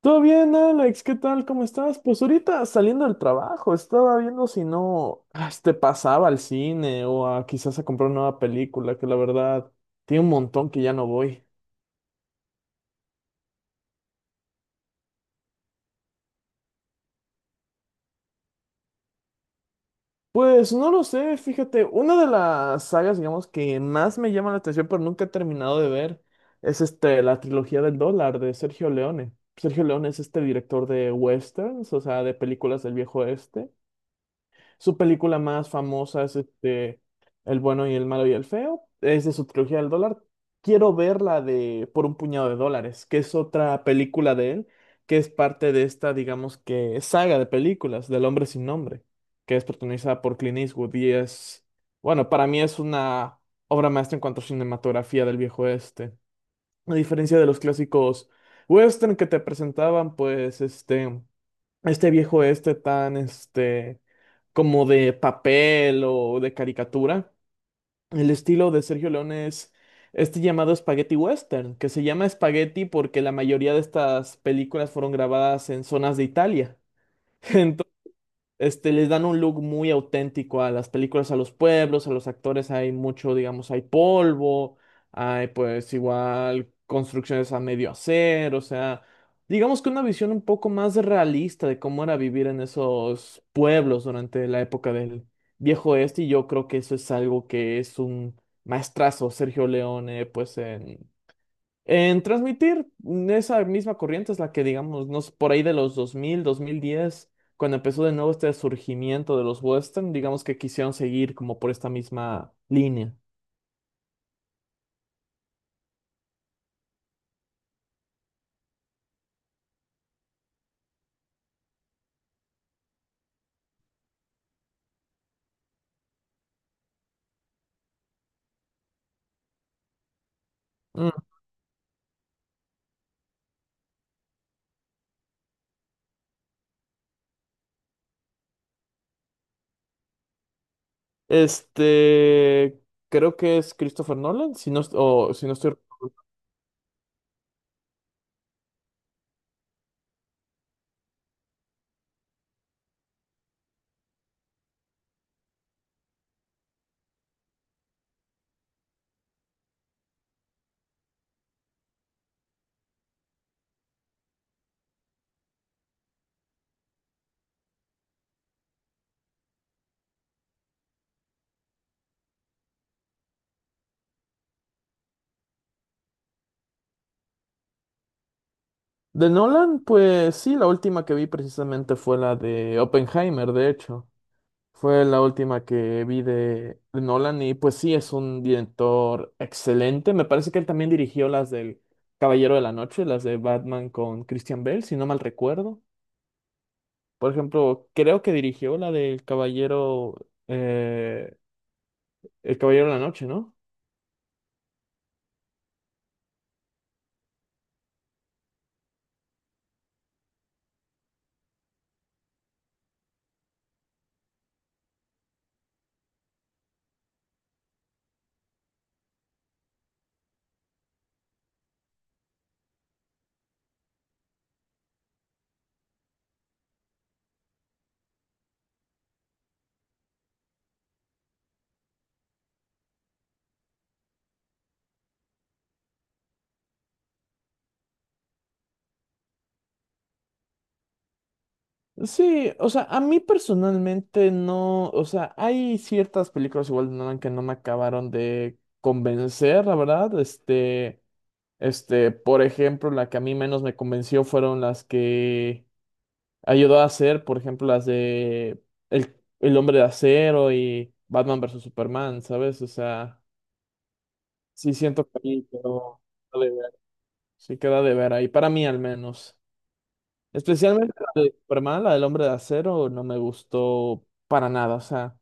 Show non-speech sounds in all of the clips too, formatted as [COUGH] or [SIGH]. Todo bien, Alex, ¿qué tal? ¿Cómo estás? Pues ahorita saliendo del trabajo, estaba viendo si no pasaba al cine o a quizás a comprar una nueva película, que la verdad tiene un montón que ya no voy. Pues no lo sé, fíjate, una de las sagas, digamos, que más me llama la atención, pero nunca he terminado de ver, es la trilogía del dólar de Sergio Leone. Sergio Leone es este director de westerns, o sea, de películas del viejo oeste. Su película más famosa es El bueno y el malo y el feo. Es de su trilogía del dólar. Quiero ver la de Por un puñado de dólares, que es otra película de él, que es parte de esta, digamos que, saga de películas del hombre sin nombre, que es protagonizada por Clint Eastwood y es, bueno, para mí es una obra maestra en cuanto a cinematografía del viejo este. A diferencia de los clásicos western que te presentaban, pues este viejo este tan, este como de papel o de caricatura. El estilo de Sergio León es llamado Spaghetti Western, que se llama Spaghetti porque la mayoría de estas películas fueron grabadas en zonas de Italia. [LAUGHS] Les dan un look muy auténtico a las películas, a los pueblos, a los actores, hay mucho, digamos, hay polvo, hay pues igual construcciones a medio hacer, o sea, digamos que una visión un poco más realista de cómo era vivir en esos pueblos durante la época del Viejo Oeste, y yo creo que eso es algo que es un maestrazo Sergio Leone, pues en transmitir, esa misma corriente es la que, digamos, no sé, por ahí de los dos mil, dos mil diez cuando empezó de nuevo este surgimiento de los western, digamos que quisieron seguir como por esta misma línea. Mm. Este, creo que es Christopher Nolan, si no, o si no estoy... De Nolan, pues sí, la última que vi precisamente fue la de Oppenheimer, de hecho. Fue la última que vi de Nolan y pues sí, es un director excelente. Me parece que él también dirigió las del Caballero de la Noche, las de Batman con Christian Bale, si no mal recuerdo. Por ejemplo, creo que dirigió la del Caballero, El Caballero de la Noche, ¿no? Sí, o sea, a mí personalmente no, o sea, hay ciertas películas igual de Nolan que no me acabaron de convencer, la verdad, por ejemplo, la que a mí menos me convenció fueron las que ayudó a hacer, por ejemplo, las de El Hombre de Acero y Batman versus Superman, ¿sabes? O sea, sí siento que ahí quedó de ver. Sí queda de ver ahí, para mí al menos. Especialmente Superman, la del Hombre de Acero, no me gustó para nada, o sea.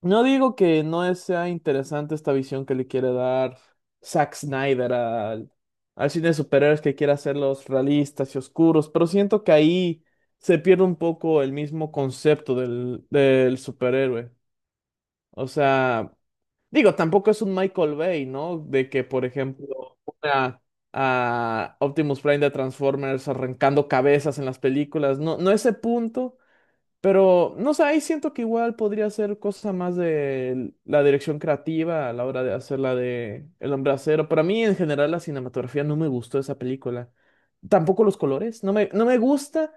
No digo que no sea interesante esta visión que le quiere dar Zack Snyder al, al cine de superhéroes que quiere hacerlos realistas y oscuros, pero siento que ahí se pierde un poco el mismo concepto del, del superhéroe. O sea, digo, tampoco es un Michael Bay, ¿no? De que, por ejemplo, a Optimus Prime de Transformers arrancando cabezas en las películas. No, no ese punto, pero, no sé, ahí siento que igual podría ser cosa más de la dirección creativa a la hora de hacer la de El Hombre de Acero. Para mí, en general, la cinematografía no me gustó de esa película. Tampoco los colores. No me gusta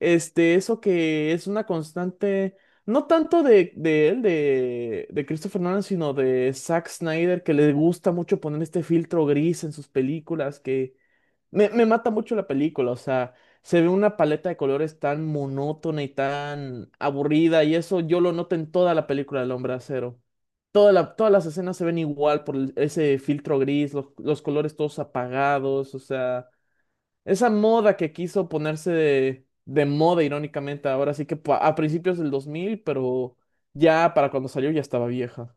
eso que es una constante, no tanto de él, de Christopher Nolan, sino de Zack Snyder, que le gusta mucho poner este filtro gris en sus películas, que me mata mucho la película, o sea, se ve una paleta de colores tan monótona y tan aburrida, y eso yo lo noto en toda la película del Hombre de Acero. Todas las escenas se ven igual por ese filtro gris, los colores todos apagados, o sea... Esa moda que quiso ponerse de moda, irónicamente, ahora sí que a principios del 2000, pero ya para cuando salió ya estaba vieja.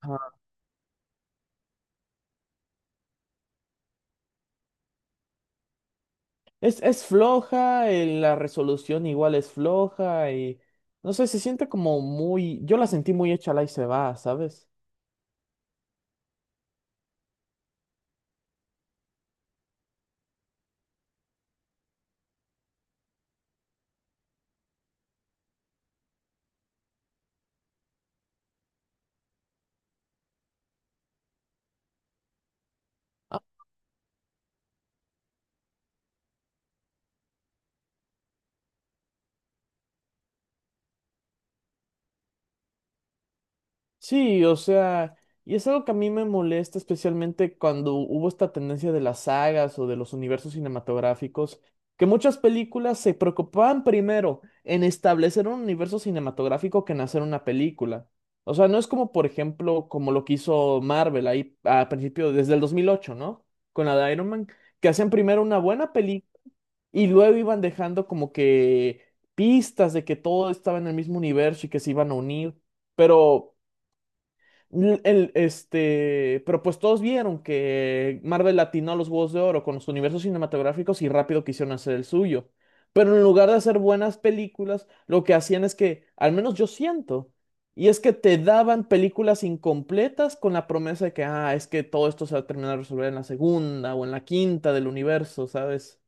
Ajá. Es floja, la resolución igual es floja y no sé, se siente como muy, yo la sentí muy hecha la y se va, ¿sabes? Sí, o sea, y es algo que a mí me molesta, especialmente cuando hubo esta tendencia de las sagas o de los universos cinematográficos, que muchas películas se preocupaban primero en establecer un universo cinematográfico que en hacer una película. O sea, no es como, por ejemplo, como lo que hizo Marvel ahí a principio, desde el 2008, ¿no? Con la de Iron Man, que hacían primero una buena película y luego iban dejando como que pistas de que todo estaba en el mismo universo y que se iban a unir. Pero pero pues todos vieron que Marvel atinó a los Juegos de Oro con los universos cinematográficos y rápido quisieron hacer el suyo. Pero en lugar de hacer buenas películas, lo que hacían es que, al menos yo siento, y es que te daban películas incompletas con la promesa de que, es que todo esto se va a terminar de resolver en la segunda o en la quinta del universo, ¿sabes?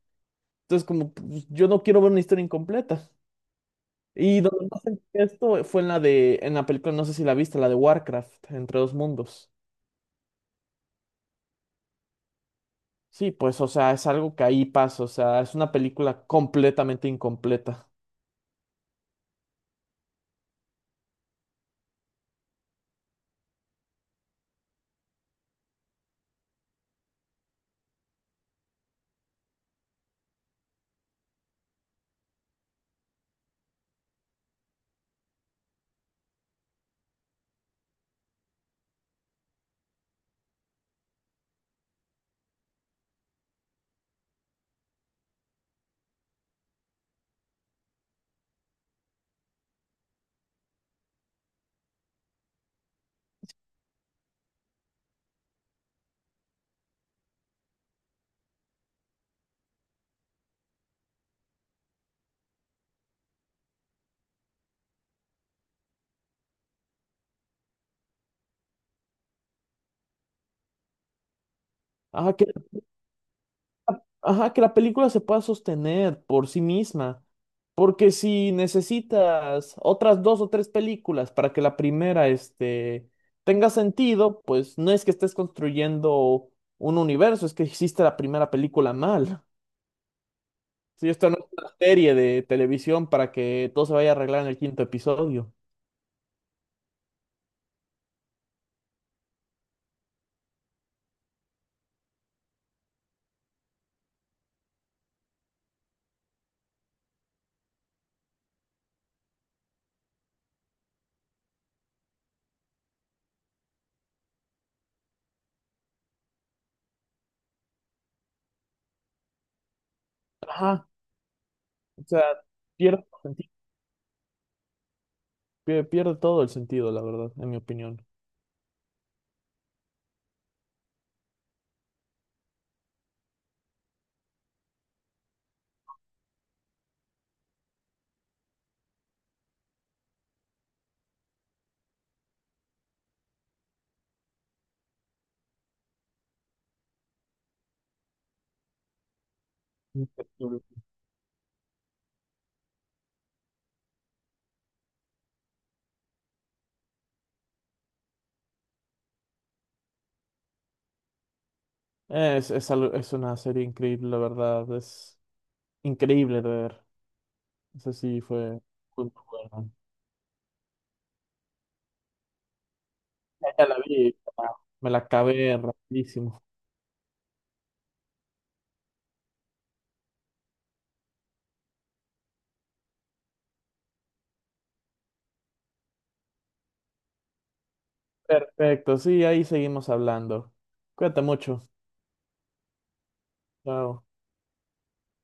Entonces, como pues, yo no quiero ver una historia incompleta. Y donde más sentí esto fue en la de, en la película, no sé si la viste, la de Warcraft, Entre dos mundos. Sí, pues, o sea, es algo que ahí pasa, o sea, es una película completamente incompleta. Ajá, que, ajá, que la película se pueda sostener por sí misma, porque si necesitas otras dos o tres películas para que la primera, tenga sentido, pues no es que estés construyendo un universo, es que hiciste la primera película mal. Sí, esto no es una serie de televisión para que todo se vaya a arreglar en el quinto episodio. Ajá, o sea, pierde sentido. Pierde todo el sentido, la verdad, en mi opinión. Es una serie increíble, la verdad. Es increíble de ver. Eso sí fue muy buena. Ya la vi, ya me la acabé rapidísimo. Perfecto, sí, ahí seguimos hablando. Cuídate mucho. Chao.